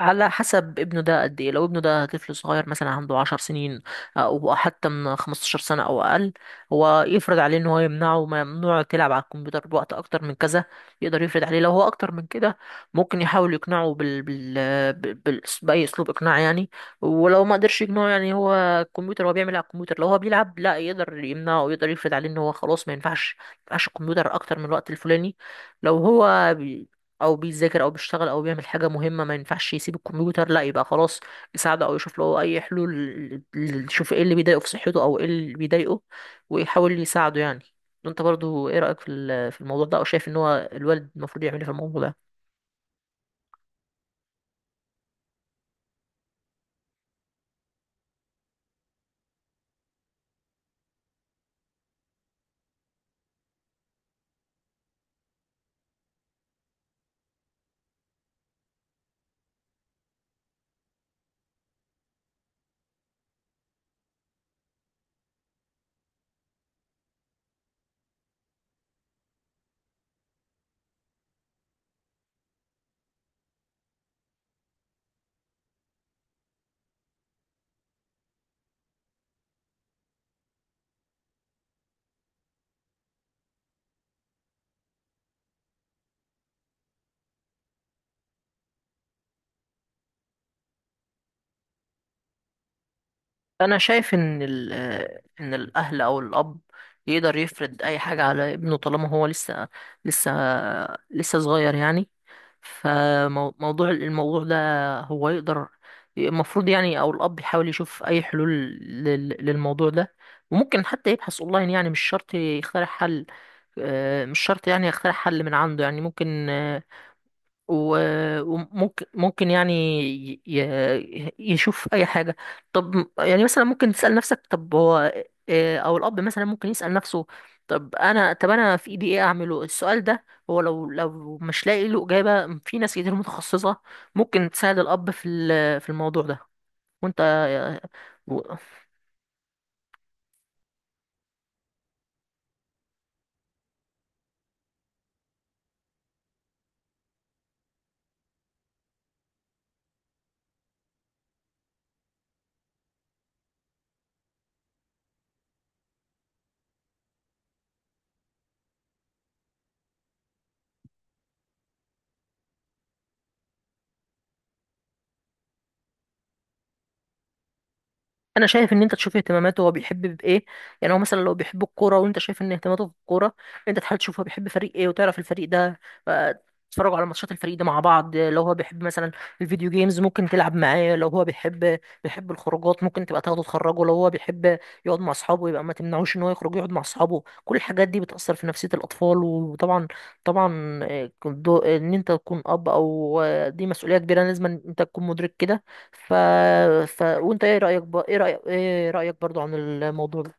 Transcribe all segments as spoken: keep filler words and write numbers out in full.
على حسب ابنه ده قد ايه. لو ابنه ده طفل صغير مثلا عنده عشر سنين او حتى من خمستاشر سنة او اقل، هو يفرض عليه ان هو يمنعه. ممنوع تلعب على الكمبيوتر بوقت اكتر من كذا. يقدر يفرض عليه لو هو اكتر من كده. ممكن يحاول يقنعه بال... بال... بال... بال... باي اسلوب اقناع يعني. ولو ما قدرش يقنعه، يعني هو الكمبيوتر، هو بيعمل على الكمبيوتر، لو هو بيلعب لا يقدر يمنعه، ويقدر يفرض عليه ان هو خلاص ما ينفعش ما ينفعش الكمبيوتر اكتر من الوقت الفلاني. لو هو او بيذاكر او بيشتغل او بيعمل حاجه مهمه، ما ينفعش يسيب الكمبيوتر، لا يبقى خلاص يساعده او يشوف له اي حلول، ل- ل- يشوف ايه اللي بيضايقه في صحته او ايه اللي بيضايقه، ويحاول يساعده يعني. انت برضو ايه رايك في ال- في الموضوع ده، او شايف ان هو الوالد المفروض يعمل ايه في الموضوع ده؟ انا شايف ان ال آه، ان الاهل او الاب يقدر يفرض اي حاجه على ابنه طالما هو لسه لسه لسه صغير يعني. فموضوع الموضوع ده، هو يقدر، المفروض يعني او الاب يحاول يشوف اي حلول لل- للموضوع ده. وممكن حتى يبحث اونلاين، يعني مش شرط يخترع حل. آه، مش شرط يعني يخترع حل من عنده، يعني ممكن و- وممكن ممكن يعني ي- ي- يشوف اي حاجه. طب يعني مثلا ممكن تسال نفسك، طب هو إيه- او الاب مثلا ممكن يسال نفسه، طب انا طب انا في ايدي ايه اعمله السؤال ده. هو لو لو مش لاقي له اجابه، في ناس كتير متخصصه ممكن تساعد الاب في ال- في الموضوع ده. وانت؟ انا شايف ان انت تشوف اهتماماته هو بيحب بايه. يعني هو مثلا لو بيحب الكوره وانت شايف ان اهتماماته في الكوره، انت تحاول تشوف هو بيحب فريق ايه، وتعرف الفريق ده. آه، تتفرجوا على ماتشات الفريق ده مع بعض. لو هو بيحب مثلا الفيديو جيمز، ممكن تلعب معاه. لو هو بيحب بيحب الخروجات، ممكن تبقى تاخده تخرجه. لو هو بيحب يقعد مع اصحابه، يبقى ما تمنعوش ان هو يخرج يقعد مع اصحابه. كل الحاجات دي بتأثر في نفسية الاطفال. وطبعا طبعا، آه، كدو- ان انت تكون اب، او آه، دي مسؤولية كبيرة، لازم انت تكون مدرك كده. ف... ف... وانت ايه رأيك ب... ايه رأيك ايه رأيك برضو عن الموضوع ده؟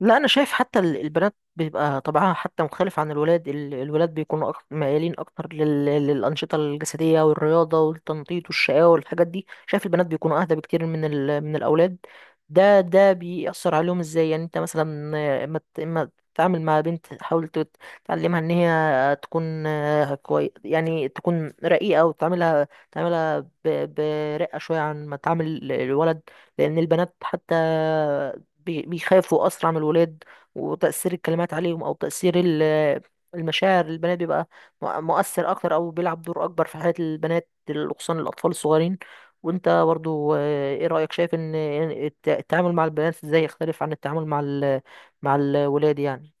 لا انا شايف حتى ال- البنات بيبقى طبعها حتى مختلف عن الولاد. ال- الولاد بيكونوا أكتر ميالين اكتر لل- للانشطه الجسديه والرياضه والتنطيط والشقاوه والحاجات دي. شايف البنات بيكونوا اهدى بكتير من ال... من الاولاد. ده ده بيأثر عليهم ازاي؟ يعني انت مثلا آه، ما ت- ما تتعامل مع بنت، حاول ت- تعلمها ان هي تكون آه، كوي يعني تكون رقيقه، وتعاملها تعاملها ب... برقه شويه عن ما تعامل الولد. لان البنات حتى بي- بيخافوا أسرع من الولاد. وتأثير الكلمات عليهم أو تأثير ال- المشاعر، البنات بيبقى مؤ- مؤثر أكتر، أو بيلعب دور أكبر في حياة البنات، خصوصا الأطفال الصغيرين. وأنت برضو، آه، إيه رأيك، شايف إن الت- التعامل مع البنات إزاي يختلف عن التعامل مع ال- مع الولاد يعني؟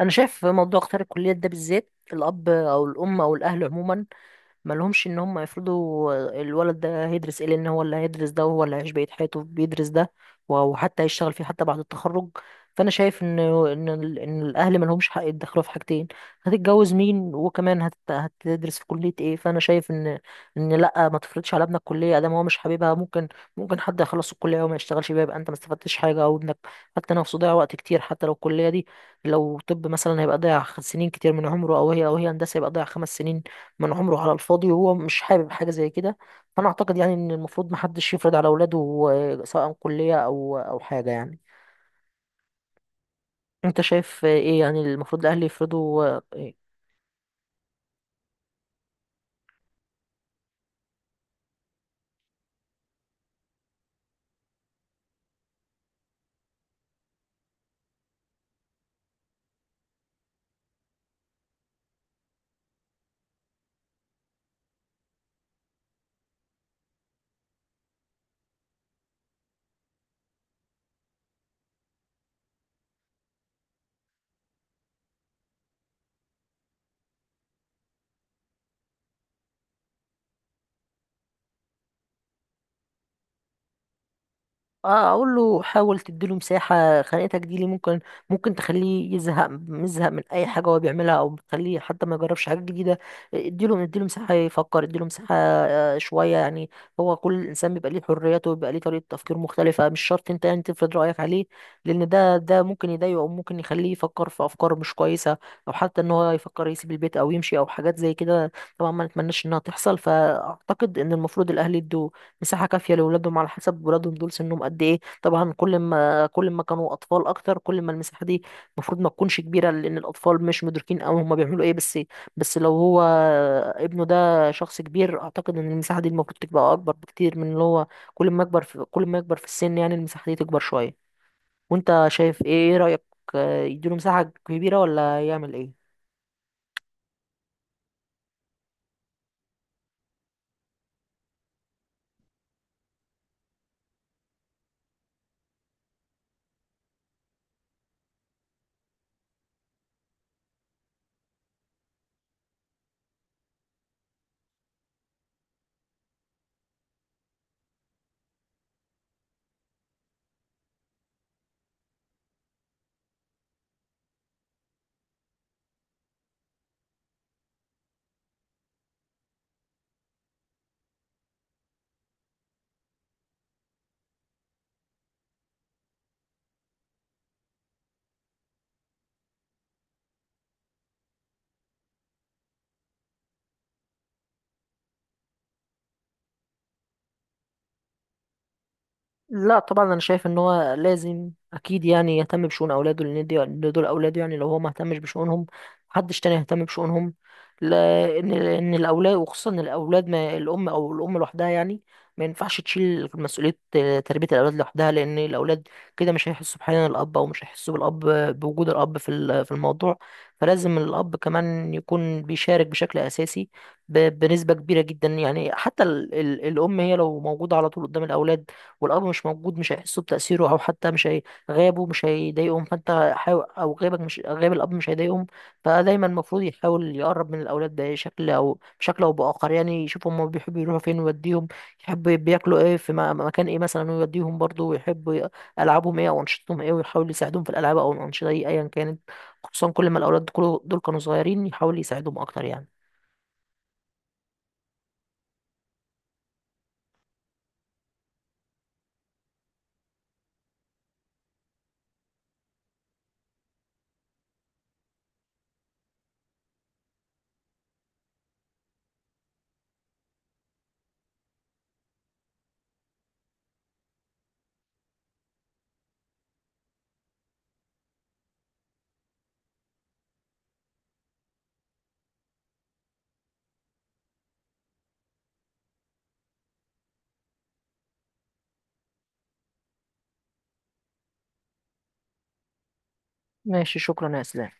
أنا شايف موضوع اختيار الكليات ده بالذات، الأب أو الأم أو الأهل عموما ما لهمش ان هم يفرضوا الولد ده هيدرس ايه، لان هو اللي هيدرس ده، وهو اللي هيعيش بقية حياته بيدرس ده، وحتى هيشتغل فيه حتى بعد التخرج. فانا شايف ان ان ال- ان الاهل ما لهمش حق يتدخلوا في حاجتين: هتتجوز مين، وكمان هت... هتدرس في كلية ايه. فانا شايف ان ان لا، ما تفرضش على ابنك كلية ادام هو مش حاببها. ممكن ممكن حد يخلص الكلية وما يشتغلش بيها، يبقى انت ما استفدتش حاجة، او ابنك حتى نفسه ضيع وقت كتير، حتى لو الكلية دي. لو طب مثلا هيبقى ضيع سنين كتير من عمره، او هي او هي هندسة، يبقى ضيع خمس سنين من عمره على الفاضي، وهو مش حابب حاجة زي كده. فأنا أعتقد يعني إن المفروض محدش يفرض على أولاده، آه، سواء كلية أو أو حاجة يعني. أنت شايف آه، إيه يعني المفروض الأهل يفرضوا آه، اه، اقول له حاول تديله مساحه. خناقتك دي ليه؟ ممكن ممكن تخليه يزهق، مزهق من اي حاجه هو بيعملها، او بتخليه حتى ما يجربش حاجه جديده. اديله اديله مساحه يفكر، اديله مساحه، آه، شويه يعني. هو كل انسان بيبقى ليه حريته، وبيبقى ليه طريقه تفكير مختلفه، مش شرط انت يعني تفرض رايك عليه، لان ده ده ممكن يضايقه، او ممكن يخليه يفكر في افكار مش كويسه، او حتى ان هو يفكر يسيب البيت او يمشي او حاجات زي كده. طبعا ما نتمناش انها تحصل. فاعتقد ان المفروض الاهل يدوا مساحة كافية لأولادهم على حسب ولادهم دول سنهم قد إيه. طبعا كل ما كل ما كانوا أطفال أكتر، كل ما المساحة دي المفروض ما تكونش كبيرة، لأن الأطفال مش مدركين أوي هما بيعملوا إيه. بس بس لو هو ابنه ده شخص كبير، أعتقد إن المساحة دي المفروض تبقى أكبر بكتير من اللي هو. كل ما يكبر في كل ما يكبر في السن، يعني المساحة دي تكبر شوية. وأنت شايف إيه إيه رأيك، آه، يديله مساحة كبيرة ولا يعمل إيه؟ لا طبعا، انا شايف ان هو لازم اكيد يعني يهتم بشؤون اولاده، لان دي إن دول اولاده يعني. لو هو ما اهتمش بشؤونهم، محدش تاني يهتم بشؤونهم. لان ان الاولاد وخصوصا الاولاد، ما الام او الام لوحدها يعني ما ينفعش تشيل مسؤوليه تربيه الاولاد لوحدها، لان الاولاد كده مش هيحسوا بحنان الاب، او مش هيحسوا بالاب بوجود الاب في ال- في الموضوع. فلازم الاب كمان يكون بيشارك بشكل اساسي، ب- بنسبه كبيره جدا يعني. حتى ال- ال- الام هي لو موجوده على طول قدام الاولاد والأمر مش موجود، مش هيحسوا بتأثيره، أو حتى مش هي... غيابه مش هيضايقهم. فأنت حاول، أو غيابك، مش غياب الأب، مش هيضايقهم. فدايما المفروض يحاول يقرب من الأولاد بشكل أو بشكل أو بآخر، يعني يشوف هما بيحبوا يروحوا فين ويوديهم، يحب بياكلوا إيه في م- مكان إيه مثلا ويوديهم برضه، ويحب ي- ألعابهم إيه أو أنشطتهم إيه، ويحاول يساعدهم في الألعاب أو الأنشطة دي أيا كانت. خصوصا كل ما الأولاد كل- دول كانوا صغيرين، يحاول يساعدهم أكتر يعني. ماشي، شكرا يا إسلام.